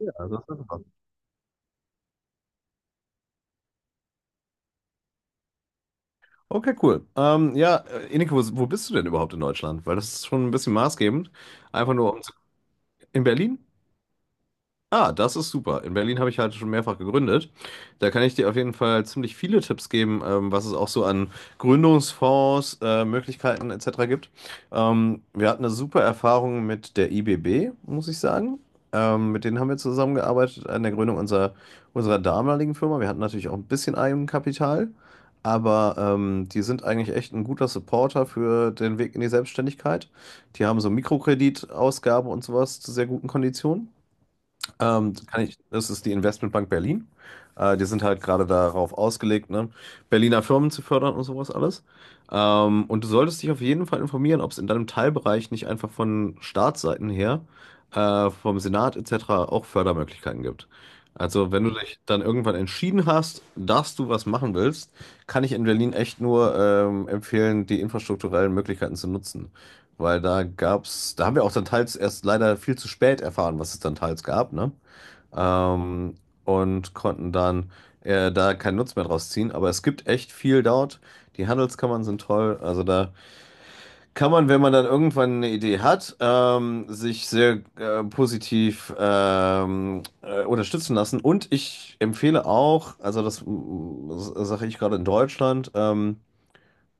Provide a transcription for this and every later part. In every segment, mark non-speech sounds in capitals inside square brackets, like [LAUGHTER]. Ja, das ist einfach. Okay, cool. Ja, Ineke, wo bist du denn überhaupt in Deutschland? Weil das ist schon ein bisschen maßgebend. Einfach nur um zu- in Berlin? Ah, das ist super. In Berlin habe ich halt schon mehrfach gegründet. Da kann ich dir auf jeden Fall ziemlich viele Tipps geben, was es auch so an Gründungsfonds, Möglichkeiten etc. gibt. Wir hatten eine super Erfahrung mit der IBB, muss ich sagen. Mit denen haben wir zusammengearbeitet an der Gründung unserer damaligen Firma. Wir hatten natürlich auch ein bisschen Eigenkapital, aber die sind eigentlich echt ein guter Supporter für den Weg in die Selbstständigkeit. Die haben so Mikrokreditausgabe und sowas zu sehr guten Konditionen. Kann ich, das ist die Investmentbank Berlin. Die sind halt gerade darauf ausgelegt, ne, Berliner Firmen zu fördern und sowas alles. Und du solltest dich auf jeden Fall informieren, ob es in deinem Teilbereich nicht einfach von Staatsseiten her, vom Senat etc. auch Fördermöglichkeiten gibt. Also wenn du dich dann irgendwann entschieden hast, dass du was machen willst, kann ich in Berlin echt nur empfehlen, die infrastrukturellen Möglichkeiten zu nutzen. Weil da gab's, da haben wir auch dann teils erst leider viel zu spät erfahren, was es dann teils gab, ne? ähm, und konnten dann da keinen Nutzen mehr draus ziehen. Aber es gibt echt viel dort. Die Handelskammern sind toll. Also da kann man, wenn man dann irgendwann eine Idee hat, sich sehr positiv unterstützen lassen. Und ich empfehle auch, also das, das sage ich gerade in Deutschland,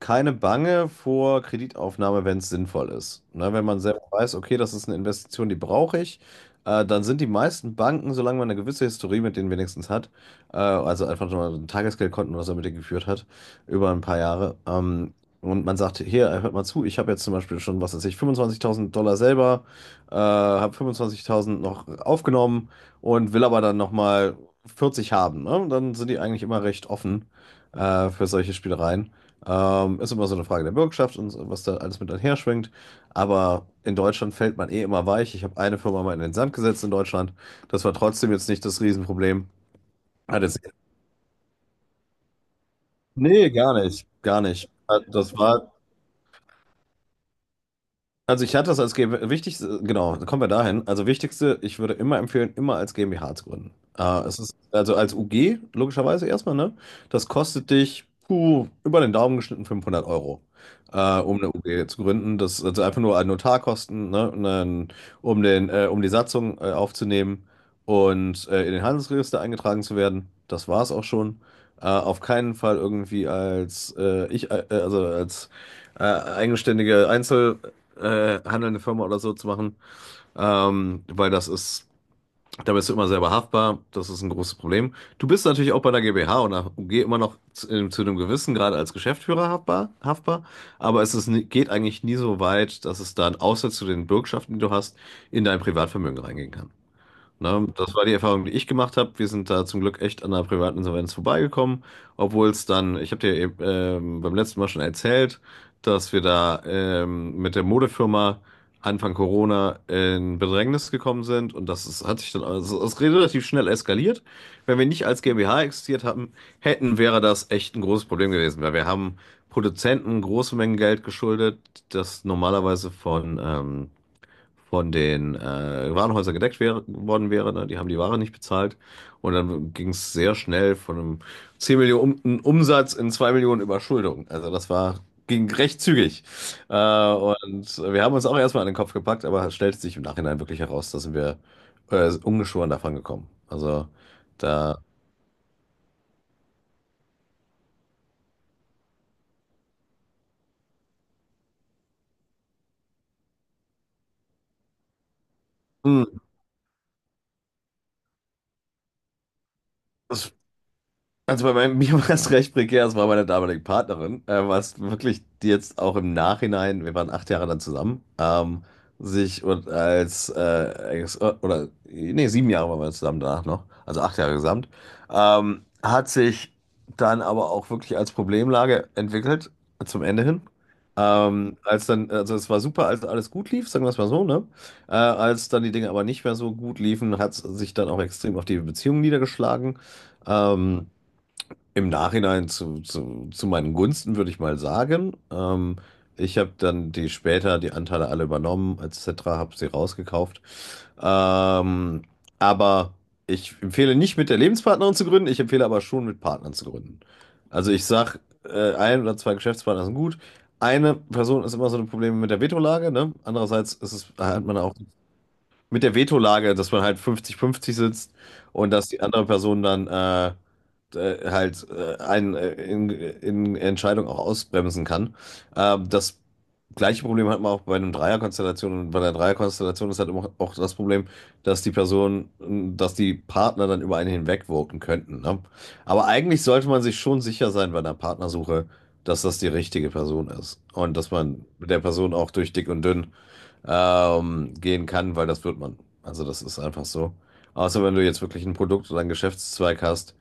keine Bange vor Kreditaufnahme, wenn es sinnvoll ist. Ne, wenn man selber weiß, okay, das ist eine Investition, die brauche ich, dann sind die meisten Banken, solange man eine gewisse Historie mit denen wenigstens hat, also einfach nur ein Tagesgeldkonten, was er mit dir geführt hat, über ein paar Jahre, und man sagt, hier, hört mal zu, ich habe jetzt zum Beispiel schon, was weiß ich, $25.000 selber, habe 25.000 noch aufgenommen und will aber dann nochmal 40 haben, ne? Dann sind die eigentlich immer recht offen für solche Spielereien. Ist immer so eine Frage der Bürgschaft und so, was da alles mit einher schwingt. Aber in Deutschland fällt man eh immer weich. Ich habe eine Firma mal in den Sand gesetzt in Deutschland. Das war trotzdem jetzt nicht das Riesenproblem. Hat jetzt, nee, gar nicht. Gar nicht. Hat- Das war. Also ich hatte das als GmbH, wichtig, genau, kommen wir dahin. Also wichtigste, ich würde immer empfehlen, immer als GmbH zu gründen. Es ist, also als UG, logischerweise erstmal, ne? Das kostet dich, puh, über den Daumen geschnitten 500 Euro, um eine UG zu gründen. Das also einfach nur an Notarkosten, ne? Und dann, um den, um die Satzung, aufzunehmen und in den Handelsregister eingetragen zu werden. Das war es auch schon. Auf keinen Fall irgendwie als also als eigenständige Einzel handelnde Firma oder so zu machen, weil das ist, da bist du immer selber haftbar, das ist ein großes Problem. Du bist natürlich auch bei der GmbH und der UG immer noch zu einem gewissen Grad als Geschäftsführer haftbar, aber es ist, nie- geht eigentlich nie so weit, dass es dann, außer zu den Bürgschaften, die du hast, in dein Privatvermögen reingehen kann. Ne? Das war die Erfahrung, die ich gemacht habe. Wir sind da zum Glück echt an einer privaten Insolvenz vorbeigekommen, obwohl es dann, ich habe dir eben, beim letzten Mal schon erzählt, dass wir da mit der Modefirma Anfang Corona in Bedrängnis gekommen sind und das ist, hat sich dann also, es ist relativ schnell eskaliert. Wenn wir nicht als GmbH existiert haben, hätten, wäre das echt ein großes Problem gewesen, weil wir haben Produzenten große Mengen Geld geschuldet, das normalerweise von den Warenhäusern gedeckt wär, worden wäre. Ne? Die haben die Ware nicht bezahlt. Und dann ging es sehr schnell von einem 10 Millionen Umsatz in 2 Millionen Überschuldung. Also das war, ging recht zügig. Und wir haben uns auch erstmal an den Kopf gepackt, aber es stellte sich im Nachhinein wirklich heraus, da sind wir ungeschoren davon gekommen. Also da, Hm, das. Also bei meinem, [LAUGHS] mir war es recht prekär, es war meine damalige Partnerin, was wirklich die jetzt auch im Nachhinein, wir waren 8 Jahre dann zusammen, sich und als, als- oder nee, 7 Jahre waren wir zusammen danach noch, also 8 Jahre gesamt, hat sich dann aber auch wirklich als Problemlage entwickelt, zum Ende hin. Als dann, also es war super, als alles gut lief, sagen wir es mal so, ne? Als dann die Dinge aber nicht mehr so gut liefen, hat es sich dann auch extrem auf die Beziehung niedergeschlagen. Ähm, im Nachhinein zu meinen Gunsten, würde ich mal sagen. Ich habe dann die später die Anteile alle übernommen, etc., habe sie rausgekauft. Ähm, aber ich empfehle nicht mit der Lebenspartnerin zu gründen, ich empfehle aber schon mit Partnern zu gründen. Also ich sag, ein oder zwei Geschäftspartner sind gut. Eine Person ist immer so ein Problem mit der Vetolage, ne? Andererseits ist es, hat man auch mit der Vetolage, dass man halt 50-50 sitzt und dass die andere Person dann halt einen in Entscheidung auch ausbremsen kann. Das gleiche Problem hat man auch bei einem Dreierkonstellation und bei der Dreierkonstellation ist halt immer auch das Problem, dass die Person, dass die Partner dann über einen hinwegwirken könnten. Ne? Aber eigentlich sollte man sich schon sicher sein bei einer Partnersuche, dass das die richtige Person ist und dass man mit der Person auch durch dick und dünn gehen kann, weil das wird man. Also das ist einfach so. Außer wenn du jetzt wirklich ein Produkt oder einen Geschäftszweig hast,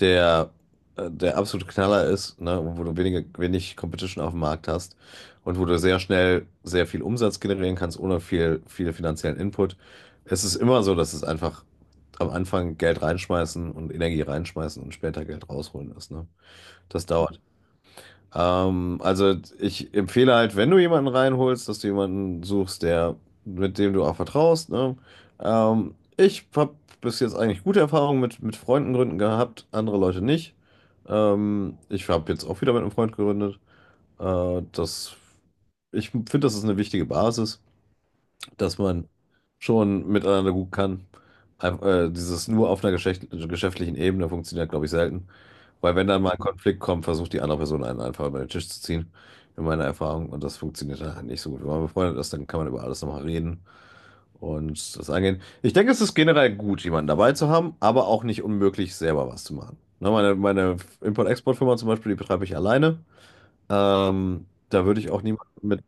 der der absolute Knaller ist, ne, wo du wenig Competition auf dem Markt hast und wo du sehr schnell sehr viel Umsatz generieren kannst, ohne viel, viel finanziellen Input. Es ist immer so, dass es einfach am Anfang Geld reinschmeißen und Energie reinschmeißen und später Geld rausholen ist, ne? Das dauert also ich empfehle halt, wenn du jemanden reinholst, dass du jemanden suchst, der, mit dem du auch vertraust, ne? Ich habe bis jetzt eigentlich gute Erfahrungen mit Freunden gründen gehabt, andere Leute nicht. Ich habe jetzt auch wieder mit einem Freund gegründet. Das, ich finde, das ist eine wichtige Basis, dass man schon miteinander gut kann. Einf- dieses nur auf einer geschäft- geschäftlichen Ebene funktioniert, glaube ich, selten. Weil wenn dann mal ein Konflikt kommt, versucht die andere Person einen einfach über den Tisch zu ziehen, in meiner Erfahrung. Und das funktioniert halt nicht so gut. Wenn man befreundet ist, dann kann man über alles nochmal reden und das angehen. Ich denke, es ist generell gut, jemanden dabei zu haben, aber auch nicht unmöglich, selber was zu machen. Ne, meine Import-Export-Firma zum Beispiel, die betreibe ich alleine. Da würde ich auch niemanden mit.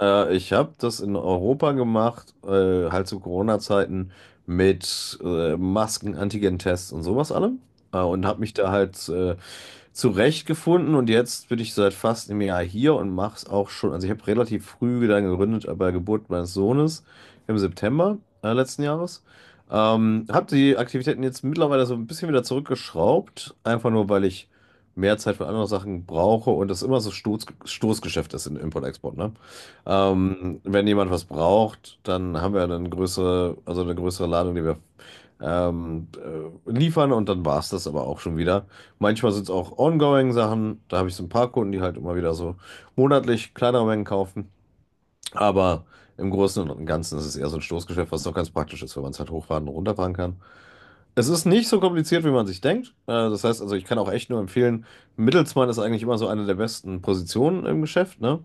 Ich habe das in Europa gemacht, halt zu Corona-Zeiten mit Masken, Antigen-Tests und sowas allem. Und habe mich da halt zurechtgefunden und jetzt bin ich seit fast einem Jahr hier und mache es auch schon. Also ich habe relativ früh dann gegründet bei Geburt meines Sohnes im September letzten Jahres. Habe die Aktivitäten jetzt mittlerweile so ein bisschen wieder zurückgeschraubt, einfach nur weil ich mehr Zeit für andere Sachen brauche und das immer so Stoßgeschäft ist in Import-Export, ne? Wenn jemand was braucht, dann haben wir dann größere, also eine größere Ladung, die wir liefern und dann war es das aber auch schon wieder. Manchmal sind es auch ongoing Sachen. Da habe ich so ein paar Kunden, die halt immer wieder so monatlich kleinere Mengen kaufen. Aber im Großen und Ganzen ist es eher so ein Stoßgeschäft, was doch ganz praktisch ist, wenn man es halt hochfahren und runterfahren kann. Es ist nicht so kompliziert, wie man sich denkt. Das heißt, also ich kann auch echt nur empfehlen, Mittelsmann ist eigentlich immer so eine der besten Positionen im Geschäft, ne?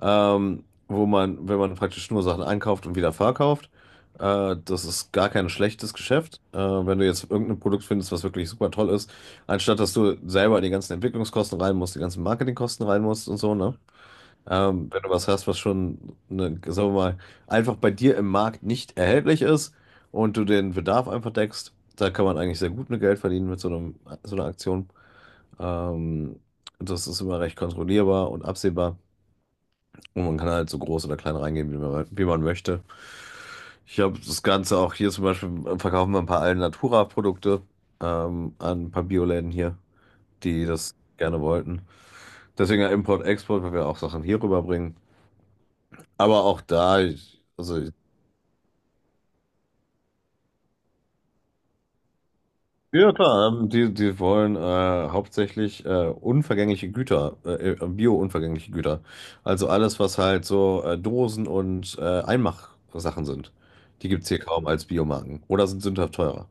Ähm, wo man, wenn man praktisch nur Sachen einkauft und wieder verkauft, das ist gar kein schlechtes Geschäft. Wenn du jetzt irgendein Produkt findest, was wirklich super toll ist, anstatt dass du selber die ganzen Entwicklungskosten rein musst, die ganzen Marketingkosten rein musst und so, ne? Wenn du was hast, was schon, ne, sagen wir mal, einfach bei dir im Markt nicht erhältlich ist und du den Bedarf einfach deckst, da kann man eigentlich sehr gut mit Geld verdienen mit so einem, so einer Aktion. Ähm, Das ist immer recht kontrollierbar und absehbar. Und man kann halt so groß oder klein reingehen, wie man möchte. Ich habe das Ganze auch hier zum Beispiel, verkaufen wir ein paar Alnatura-Produkte an ein paar Bioläden hier, die das gerne wollten. Deswegen ja Import-Export, weil wir auch Sachen hier rüberbringen. Aber auch da, ich, also ja, klar, die, die wollen hauptsächlich unvergängliche Güter, bio-unvergängliche Güter. Also alles, was halt so Dosen und Einmachsachen sind. Die gibt es hier kaum als Biomarken oder sind sündhaft teurer.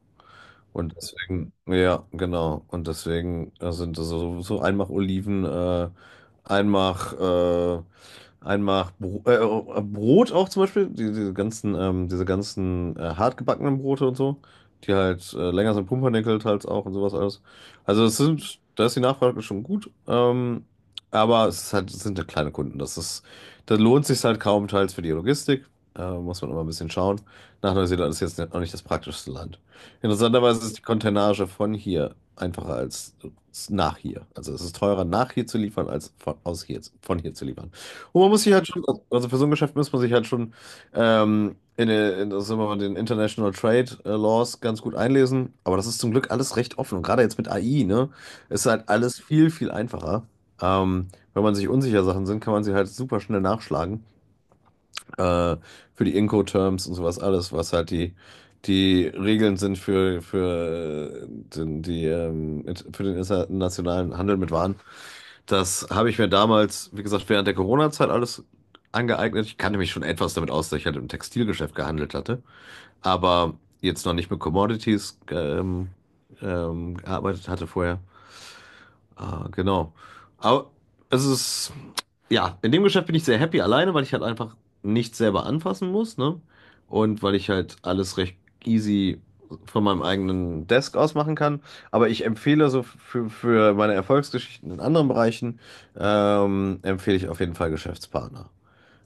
Und deswegen, ja, genau. Und deswegen sind das so, so einmach Oliven, einmach, äh, einmach Brot auch zum Beispiel, die, diese ganzen hartgebackenen Brote und so, die halt länger sind, Pumpernickel halt auch und sowas alles. Also es sind, da ist die Nachfrage schon gut, aber es ist halt, es sind ja kleine Kunden. Das ist, da lohnt sich halt kaum teils für die Logistik. Muss man immer ein bisschen schauen. Nach Neuseeland ist jetzt noch nicht das praktischste Land. Interessanterweise ist die Containage von hier einfacher als nach hier. Also es ist teurer, nach hier zu liefern, als von, aus hier, von hier zu liefern. Und man muss sich halt schon, also für so ein Geschäft muss man sich halt schon das ist immer den International Trade Laws ganz gut einlesen. Aber das ist zum Glück alles recht offen. Und gerade jetzt mit AI, ne, ist halt alles viel einfacher. Ähm, Wenn man sich unsicher Sachen sind, kann man sie halt super schnell nachschlagen äh, für die Incoterms und sowas alles, was halt die, die Regeln sind für den internationalen Handel mit Waren. Das habe ich mir damals, wie gesagt, während der Corona-Zeit alles angeeignet. Ich kannte mich schon etwas damit aus, dass ich halt im Textilgeschäft gehandelt hatte, aber jetzt noch nicht mit Commodities gearbeitet hatte vorher. Ah, genau. Aber es ist ja, in dem Geschäft bin ich sehr happy alleine, weil ich halt einfach nichts selber anfassen muss, ne? Und weil ich halt alles recht easy von meinem eigenen Desk aus machen kann. Aber ich empfehle so für meine Erfolgsgeschichten in anderen Bereichen, empfehle ich auf jeden Fall Geschäftspartner.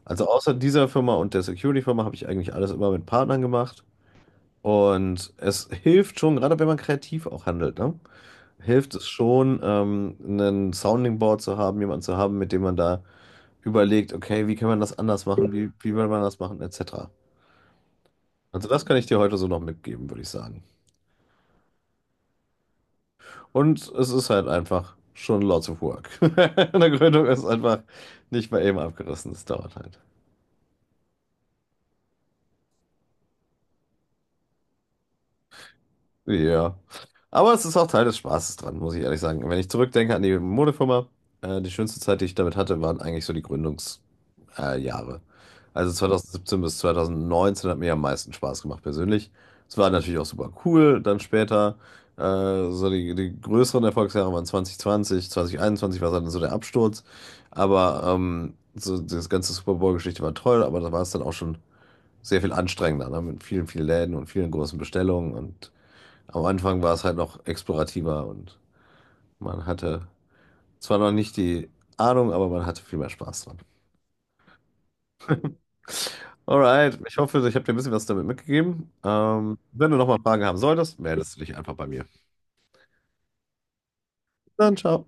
Also außer dieser Firma und der Security-Firma habe ich eigentlich alles immer mit Partnern gemacht. Und es hilft schon, gerade wenn man kreativ auch handelt, ne? Hilft es schon, einen Sounding Board zu haben, jemanden zu haben, mit dem man da überlegt, okay, wie kann man das anders machen, wie will man das machen, etc. Also das kann ich dir heute so noch mitgeben, würde ich sagen. Und es ist halt einfach schon lots of work. [LAUGHS] Eine Gründung ist einfach nicht mal eben abgerissen, das dauert halt. Ja. Aber es ist auch Teil des Spaßes dran, muss ich ehrlich sagen. Wenn ich zurückdenke an die Modefirma, die schönste Zeit, die ich damit hatte, waren eigentlich so die Jahre. Also 2017 bis 2019 hat mir am meisten Spaß gemacht persönlich. Es war natürlich auch super cool. Dann später, so die, die größeren Erfolgsjahre waren 2020, 2021 war dann so der Absturz. Aber so das ganze Super Bowl-Geschichte war toll, aber da war es dann auch schon sehr viel anstrengender, ne? Mit vielen, vielen Läden und vielen großen Bestellungen. Und am Anfang war es halt noch explorativer und man hatte zwar noch nicht die Ahnung, aber man hatte viel mehr Spaß dran. Alright, ich hoffe, ich habe dir ein bisschen was damit mitgegeben. Wenn du nochmal Fragen haben solltest, meldest du dich einfach bei mir. Dann ciao.